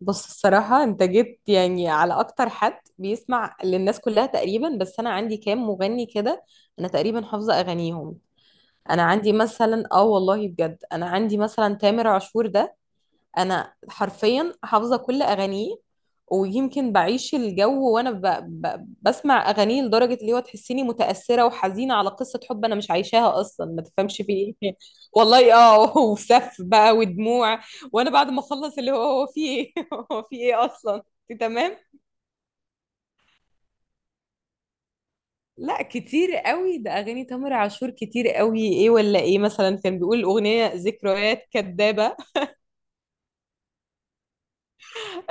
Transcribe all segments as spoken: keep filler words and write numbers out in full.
بص الصراحة انت جيت يعني على اكتر حد بيسمع للناس كلها تقريبا، بس انا عندي كام مغني كده. انا تقريبا حافظة اغانيهم. انا عندي مثلا، اه والله بجد، انا عندي مثلا تامر عاشور ده. انا حرفيا حافظه كل اغانيه. ويمكن بعيش الجو وانا ب... ب... بسمع اغانيه لدرجه اللي هو تحسيني متاثره وحزينه على قصه حب انا مش عايشاها اصلا، ما تفهمش في ايه والله اه وسف بقى ودموع. وانا بعد ما اخلص اللي هو هو في ايه هو في ايه اصلا. انت تمام. لا كتير قوي ده، اغاني تامر عاشور كتير قوي ايه، ولا ايه مثلا كان بيقول اغنيه ذكريات كدابه،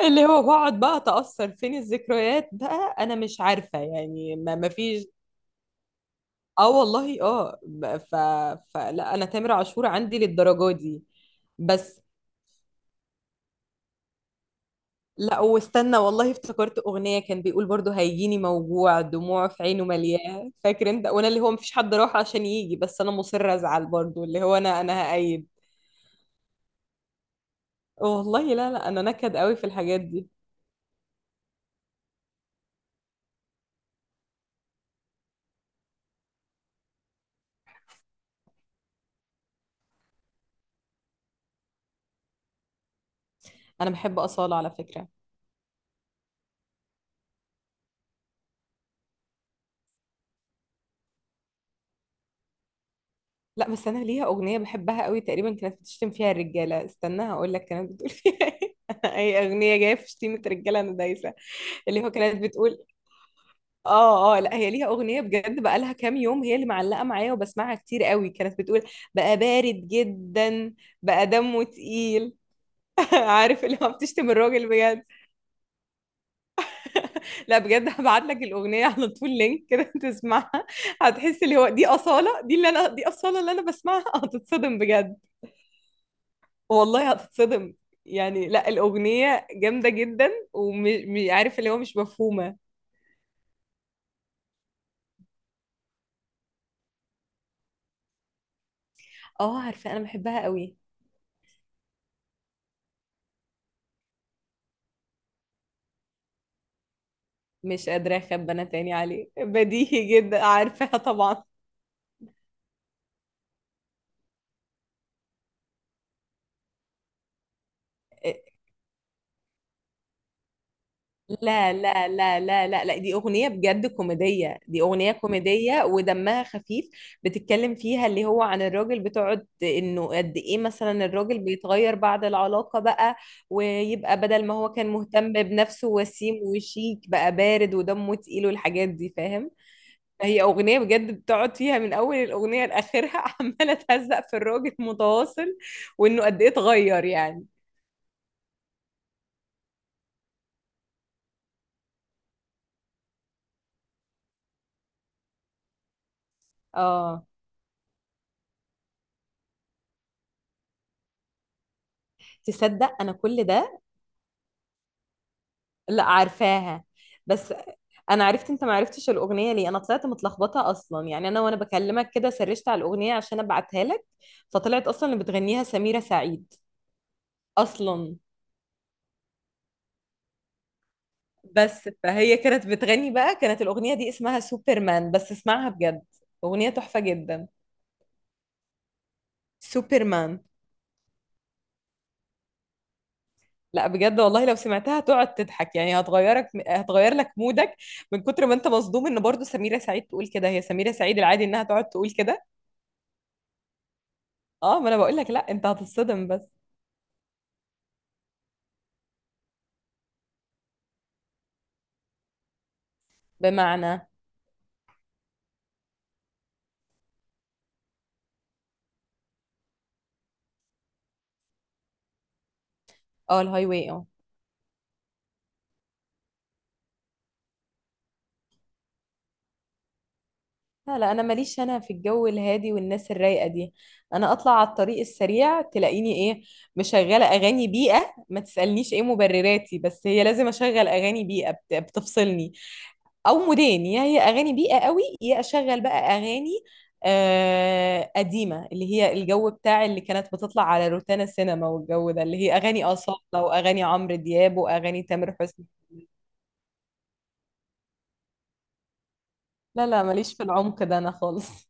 اللي هو بقعد بقى اتأثر فين الذكريات بقى، انا مش عارفة يعني ما ما فيش. اه والله اه، ب- ف... فلا انا تامر عاشور عندي للدرجة دي. بس لا، واستنى والله افتكرت اغنية كان بيقول برضو هيجيني موجوع دموع في عينه مليان فاكر انت وانا، اللي هو مفيش حد راح عشان يجي بس انا مصر ازعل برضو، اللي هو انا انا هأيد. والله لا لا، انا نكد قوي في الحاجات دي. انا بحب أصالة على فكرة. لا بس انا ليها اغنيه بحبها قوي، تقريبا كانت بتشتم فيها الرجاله، استنى هقول لك كانت بتقول فيها ايه اي اغنيه جايه في شتيمه رجاله انا دايسه. اللي هو كانت بتقول اه اه، لا هي ليها اغنيه بجد بقى لها كام يوم هي اللي معلقه معايا وبسمعها كتير قوي، كانت بتقول بقى بارد جدا، بقى دمه تقيل عارف اللي هو بتشتم الراجل بجد. لا بجد هبعت لك الاغنيه على طول لينك كده تسمعها. هتحس اللي هو دي اصاله، دي اللي انا، دي اصاله اللي انا بسمعها هتتصدم بجد. والله هتتصدم. يعني لا الأغنية جامدة جدا، وعارف اللي هو مش مفهومة. اه عارفة، أنا بحبها قوي. مش قادرة أخبي أنا تاني عليه، بديهي جدا عارفاها طبعا. لا لا لا لا لا لا، دي أغنية بجد كوميدية، دي أغنية كوميدية ودمها خفيف. بتتكلم فيها اللي هو عن الراجل، بتقعد إنه قد إيه مثلا الراجل بيتغير بعد العلاقة بقى، ويبقى بدل ما هو كان مهتم بنفسه وسيم وشيك بقى بارد ودمه تقيل والحاجات دي فاهم. هي أغنية بجد بتقعد فيها من أول الأغنية لآخرها عمالة تهزق في الراجل متواصل، وإنه قد إيه اتغير يعني. اه تصدق انا كل ده. لا عارفاها. بس انا عرفت انت ما عرفتش الاغنيه ليه، انا طلعت متلخبطه اصلا، يعني انا وانا بكلمك كده سرشت على الاغنيه عشان ابعتها لك فطلعت اصلا اللي بتغنيها سميره سعيد. اصلا بس فهي كانت بتغني بقى، كانت الاغنيه دي اسمها سوبرمان، بس اسمعها بجد اغنيه تحفه جدا. سوبرمان. لا بجد والله لو سمعتها تقعد تضحك، يعني هتغيرك، هتغير لك مودك من كتر ما انت مصدوم ان برضو سميرة سعيد تقول كده، هي سميرة سعيد العادي انها تقعد تقول كده. اه ما انا بقول لك، لا انت هتتصدم بس. بمعنى. اه الهاي واي اه. لا لا انا ماليش انا في الجو الهادي والناس الرايقه دي. انا اطلع على الطريق السريع تلاقيني ايه، مشغله اغاني بيئه، ما تسالنيش ايه مبرراتي بس هي لازم اشغل اغاني بيئه بت- بتفصلني. او مودين، يا هي اغاني بيئه قوي، يا اشغل بقى اغاني آه قديمه، اللي هي الجو بتاع اللي كانت بتطلع على روتانا سينما، والجو ده اللي هي اغاني اصاله واغاني عمرو دياب واغاني تامر حسني. لا لا ماليش في العمق ده انا خالص.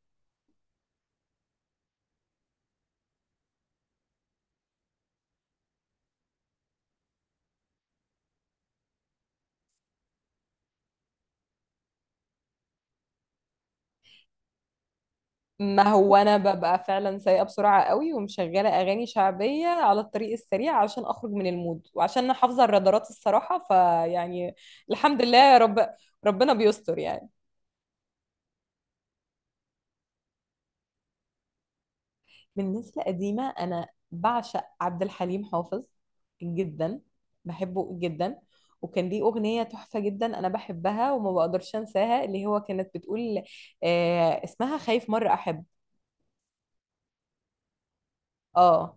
ما هو انا ببقى فعلا سايقه بسرعه قوي ومشغله اغاني شعبيه على الطريق السريع عشان اخرج من المود، وعشان انا حافظه الرادارات الصراحه فيعني. الحمد لله يا رب. ربنا بيستر يعني. بالنسبه لقديمه انا بعشق عبد الحليم حافظ جدا. بحبه جدا. وكان ليه اغنيه تحفه جدا انا بحبها وما بقدرش انساها، اللي هو كانت بتقول آه، اسمها خايف مره احب. اه.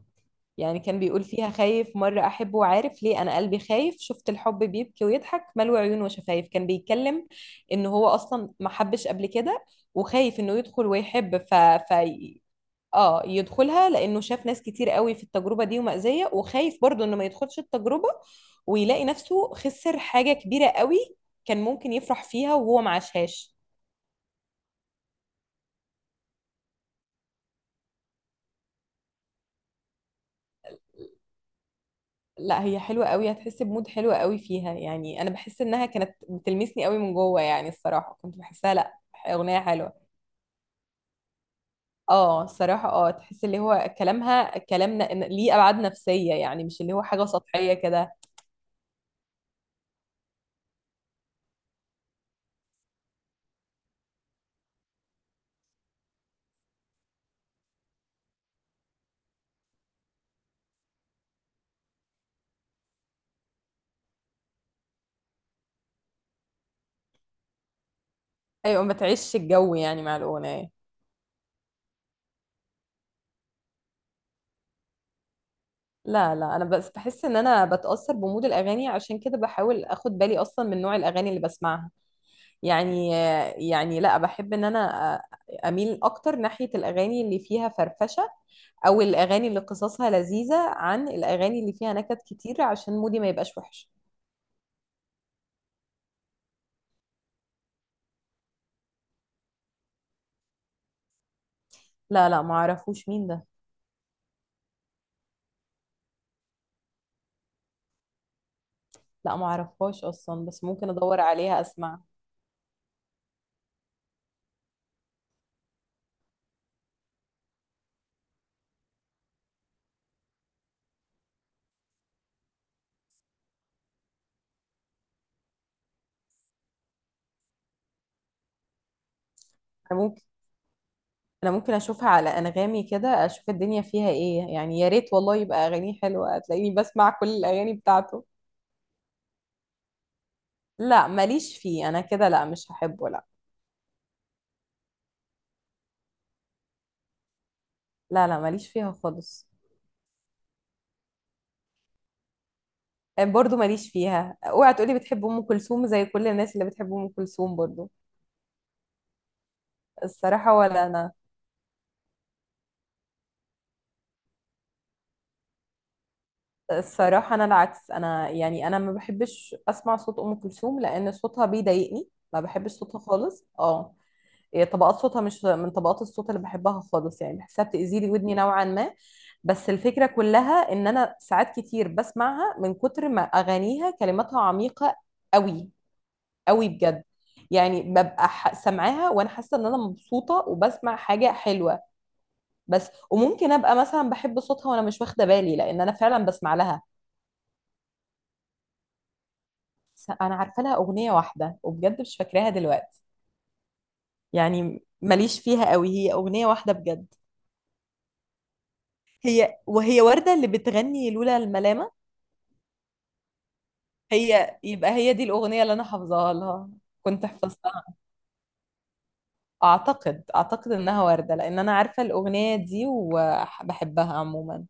يعني كان بيقول فيها خايف مرة أحب وعارف ليه أنا قلبي خايف شفت الحب بيبكي ويضحك ملوي عيون وشفايف. كان بيتكلم إن هو أصلا ما حبش قبل كده وخايف إنه يدخل ويحب ف... ف... اه يدخلها لأنه شاف ناس كتير قوي في التجربة دي ومأزية، وخايف برضه إنه ما يدخلش التجربة ويلاقي نفسه خسر حاجة كبيرة قوي كان ممكن يفرح فيها وهو ما عاشهاش. لا هي حلوة قوي، هتحس بمود حلو قوي فيها، يعني انا بحس انها كانت بتلمسني قوي من جوه، يعني الصراحة كنت بحسها لا اغنية حلوة. اه الصراحة اه، تحس اللي هو كلامها كلام ن- ليه ابعاد نفسية، يعني مش اللي هو حاجة سطحية كده. ايوه ما تعيش الجو يعني مع الاغنية. لا لا انا بس بحس ان انا بتأثر بمود الاغاني، عشان كده بحاول اخد بالي اصلا من نوع الاغاني اللي بسمعها يعني. يعني لا بحب ان انا أ- اميل اكتر ناحية الاغاني اللي فيها فرفشة، او الاغاني اللي قصصها لذيذه، عن الاغاني اللي فيها نكت كتير، عشان مودي ما يبقاش وحش. لا لا ما اعرفوش مين ده. لا ما اعرفهاش اصلا بس ممكن ادور عليها اسمع. انا ممكن، انا ممكن اشوفها على انغامي كده، اشوف الدنيا فيها ايه يعني، يا ريت والله يبقى اغانيه حلوه هتلاقيني بسمع كل الاغاني بتاعته. لا ماليش فيه انا كده، لا مش هحبه لا. لا لا ماليش فيها خالص. آه، برضو ماليش فيها. اوعى تقولي بتحب ام كلثوم زي كل الناس اللي بتحب ام كلثوم برضو. الصراحه ولا انا. الصراحة أنا العكس، أنا يعني أنا ما بحبش أسمع صوت أم كلثوم لأن صوتها بيضايقني. ما بحبش صوتها خالص اه. هي طبقات صوتها مش من طبقات الصوت اللي بحبها خالص، يعني بحسها بتأذي لي ودني نوعا ما. بس الفكرة كلها إن أنا ساعات كتير بسمعها من كتر ما أغانيها كلماتها عميقة قوي، قوي بجد. يعني ببقى ح- سامعاها وأنا حاسة إن أنا مبسوطة وبسمع حاجة حلوة بس، وممكن ابقى مثلا بحب صوتها وانا مش واخده بالي لان انا فعلا بسمع لها. س- انا عارفه لها اغنيه واحده وبجد مش فاكراها دلوقتي. يعني ماليش فيها قوي، هي اغنيه واحده بجد. هي وهي ورده اللي بتغني لولا الملامه. هي يبقى هي دي الاغنيه اللي انا حافظاها لها. كنت حفظتها. اعتقد اعتقد انها ورده لان انا عارفه الاغنيه دي وبحبها عموما.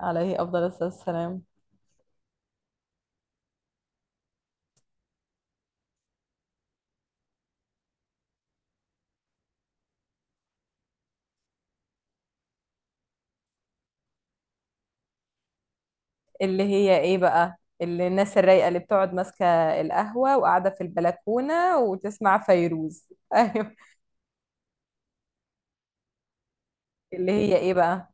عليه افضل الصلاه والسلام. اللي هي ايه بقى، اللي الناس الرايقه اللي بتقعد ماسكه القهوه وقاعده في البلكونه وتسمع فيروز ايوه. اللي هي ايه بقى.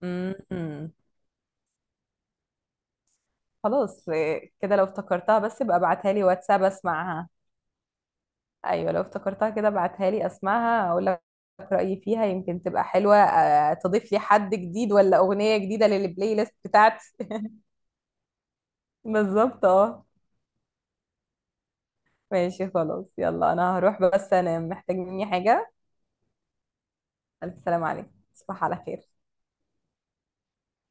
م- م. خلاص إيه، كده لو افتكرتها بس يبقى ابعتها لي واتساب اسمعها. ايوه لو افتكرتها كده ابعتها لي اسمعها اقول لك رايي فيها، يمكن تبقى حلوه آه، تضيف لي حد جديد ولا اغنيه جديده للبلاي ليست بتاعتي بالظبط اه. ماشي خلاص يلا انا هروح بس انا محتاج مني حاجه. الف سلام عليكم، تصبح على خير.